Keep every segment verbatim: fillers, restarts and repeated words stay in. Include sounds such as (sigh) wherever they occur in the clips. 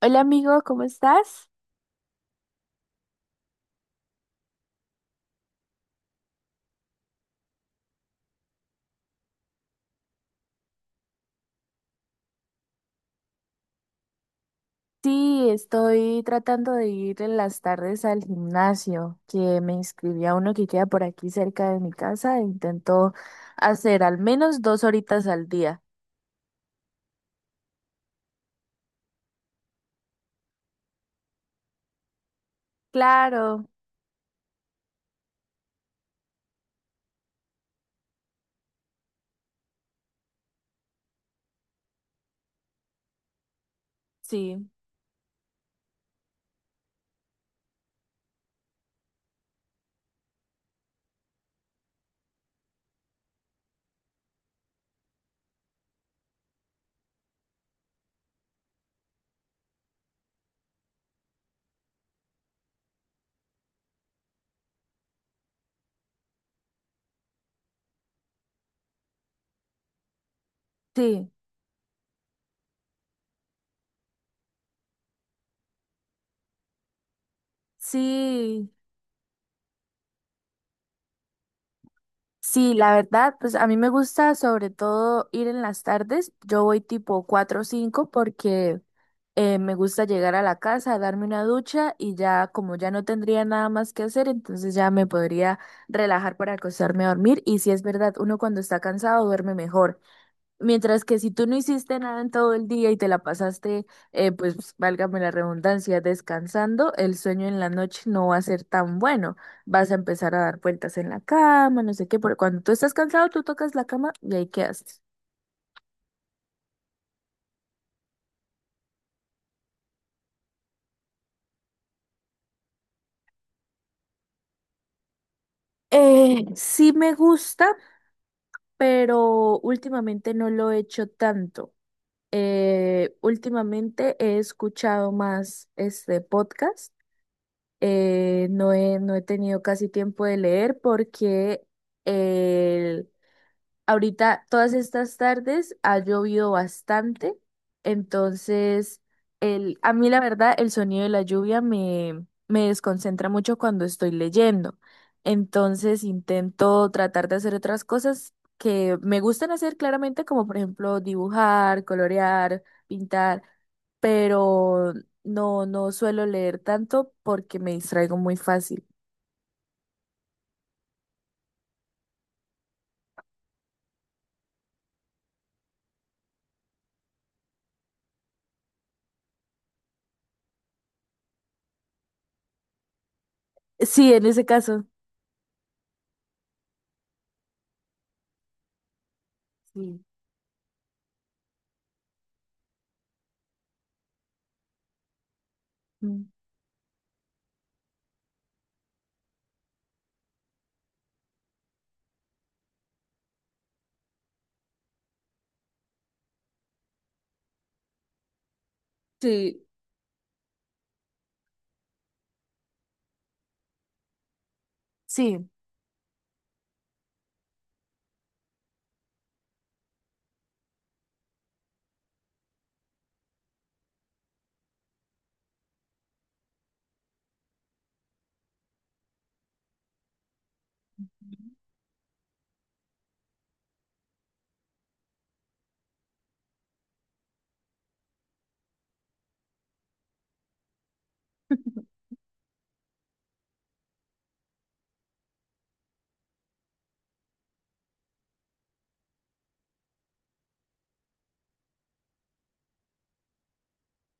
Hola amigo, ¿cómo estás? Sí, estoy tratando de ir en las tardes al gimnasio, que me inscribí a uno que queda por aquí cerca de mi casa e intento hacer al menos dos horitas al día. Claro, sí, sí, sí, sí, la verdad, pues a mí me gusta sobre todo ir en las tardes, yo voy tipo cuatro o cinco porque... Eh, me gusta llegar a la casa, darme una ducha y ya como ya no tendría nada más que hacer, entonces ya me podría relajar para acostarme a dormir. Y si es verdad, uno cuando está cansado duerme mejor. Mientras que si tú no hiciste nada en todo el día y te la pasaste, eh, pues válgame la redundancia, descansando, el sueño en la noche no va a ser tan bueno. Vas a empezar a dar vueltas en la cama, no sé qué, porque cuando tú estás cansado, tú tocas la cama y ahí quedaste. Eh, sí me gusta, pero últimamente no lo he hecho tanto. Eh, últimamente he escuchado más este podcast. Eh, no he, no he tenido casi tiempo de leer porque el- ahorita, todas estas tardes ha llovido bastante, entonces el, a mí la verdad el sonido de la lluvia me, me desconcentra mucho cuando estoy leyendo. Entonces intento tratar de hacer otras cosas que me gustan hacer claramente, como por ejemplo dibujar, colorear, pintar, pero no, no suelo leer tanto porque me distraigo muy fácil. Sí, en ese caso. Sí. Mm. Sí, sí.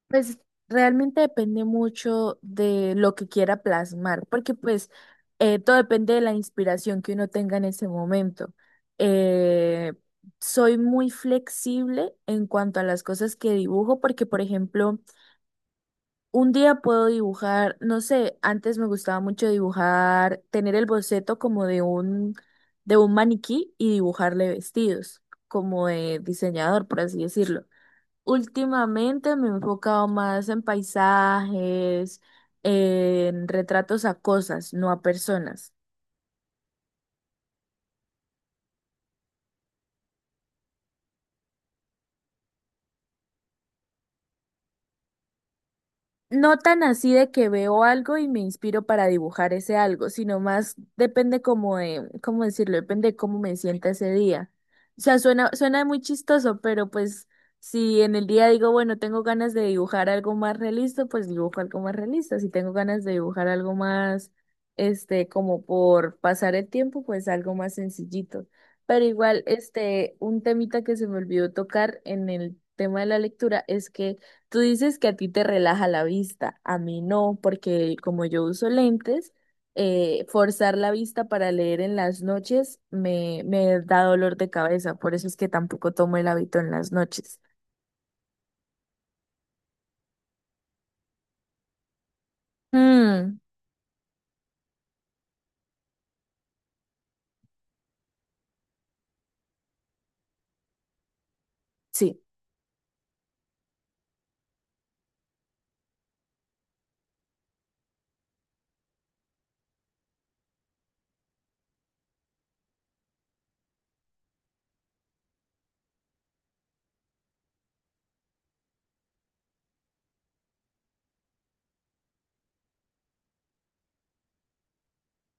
Pues realmente depende mucho de lo que quiera plasmar, porque pues eh, todo depende de la inspiración que uno tenga en ese momento. Eh, Soy muy flexible en cuanto a las cosas que dibujo, porque por ejemplo, un día puedo dibujar, no sé, antes me gustaba mucho dibujar, tener el boceto como de un, de un maniquí y dibujarle vestidos, como de diseñador, por así decirlo. Últimamente me he enfocado más en paisajes, en retratos a cosas, no a personas. No tan así de que veo algo y me inspiro para dibujar ese algo, sino más depende como de, ¿cómo decirlo? Depende de cómo me sienta ese día. O sea, suena, suena muy chistoso, pero pues si en el día digo, bueno, tengo ganas de dibujar algo más realista, pues dibujo algo más realista. Si tengo ganas de dibujar algo más, este, como por pasar el tiempo, pues algo más sencillito. Pero igual, este, un temita que se me olvidó tocar en el tema de la lectura es que tú dices que a ti te relaja la vista, a mí no, porque como yo uso lentes, eh, forzar la vista para leer en las noches me, me da dolor de cabeza, por eso es que tampoco tomo el hábito en las noches. Mm, sí,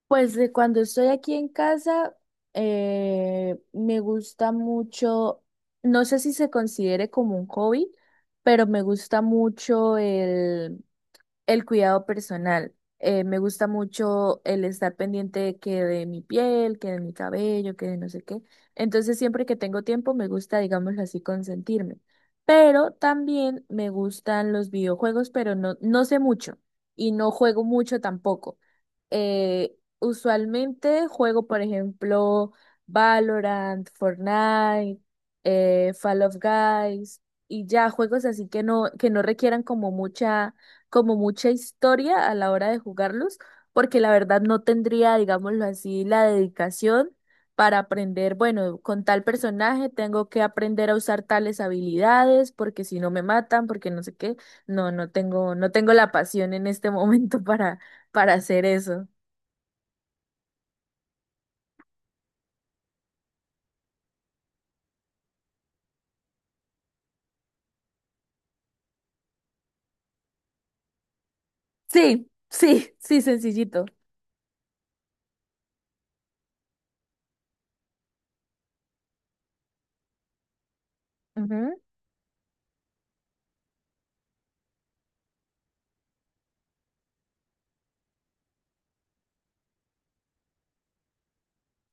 pues de cuando estoy aquí en casa, eh, me gusta mucho, no sé si se considere como un hobby, pero me gusta mucho el el cuidado personal. Eh, me gusta mucho el estar pendiente de que de mi piel, que de mi cabello, que de no sé qué. Entonces, siempre que tengo tiempo, me gusta, digámoslo así, consentirme. Pero también me gustan los videojuegos, pero no, no sé mucho y no juego mucho tampoco. Eh, usualmente juego, por ejemplo, Valorant, Fortnite, eh, Fall of Guys y ya juegos así que no, que no requieran como mucha como mucha historia a la hora de jugarlos, porque la verdad no tendría, digámoslo así, la dedicación para aprender, bueno, con tal personaje tengo que aprender a usar tales habilidades, porque si no me matan, porque no sé qué. No, no tengo, no tengo la pasión en este (laughs) momento para, para hacer eso. Sí, sí, sí, sencillito.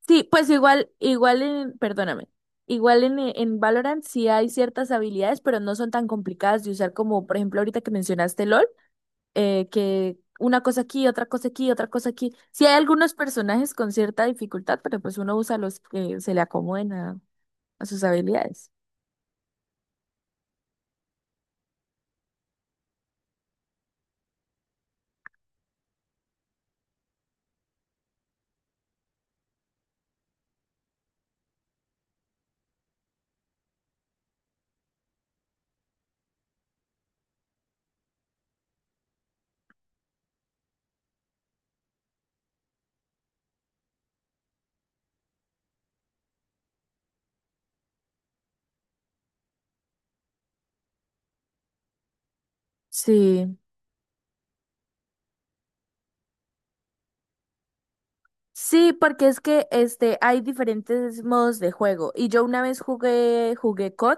Sí, pues igual, igual en, perdóname, igual en, en Valorant sí hay ciertas habilidades, pero no son tan complicadas de usar como, por ejemplo, ahorita que mencionaste LOL, eh, que una cosa aquí, otra cosa aquí, otra cosa aquí. Sí hay algunos personajes con cierta dificultad, pero pues uno usa los que se le acomoden a, a sus habilidades. Sí. Sí, porque es que este hay diferentes modos de juego y yo una vez jugué jugué C O D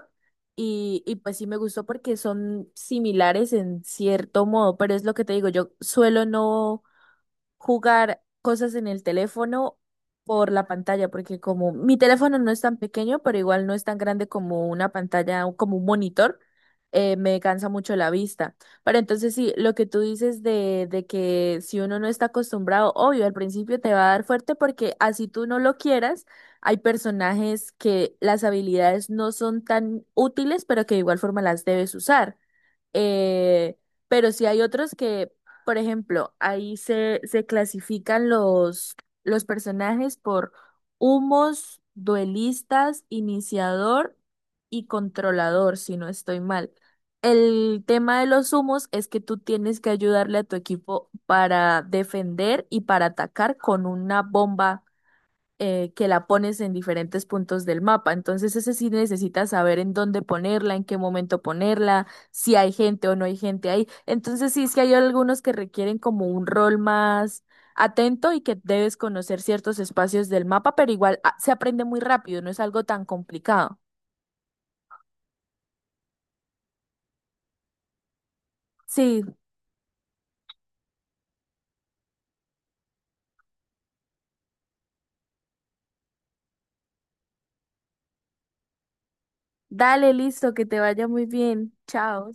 y, y pues sí me gustó porque son similares en cierto modo, pero es lo que te digo, yo suelo no jugar cosas en el teléfono por la pantalla, porque como mi teléfono no es tan pequeño, pero igual no es tan grande como una pantalla, o como un monitor, eh, me cansa mucho la vista. Pero entonces sí, lo que tú dices de, de que si uno no está acostumbrado, obvio, al principio te va a dar fuerte porque así tú no lo quieras, hay personajes que las habilidades no son tan útiles, pero que de igual forma las debes usar. Eh, pero sí hay otros que por ejemplo, ahí se, se clasifican los, los personajes por humos, duelistas, iniciador y controlador, si no estoy mal. El tema de los humos es que tú tienes que ayudarle a tu equipo para defender y para atacar con una bomba eh, que la pones en diferentes puntos del mapa. Entonces, ese sí necesitas saber en dónde ponerla, en qué momento ponerla, si hay gente o no hay gente ahí. Entonces, sí, es que hay algunos que requieren como un rol más atento y que debes conocer ciertos espacios del mapa, pero igual ah, se aprende muy rápido, no es algo tan complicado. Sí, dale, listo, que te vaya muy bien. Chao.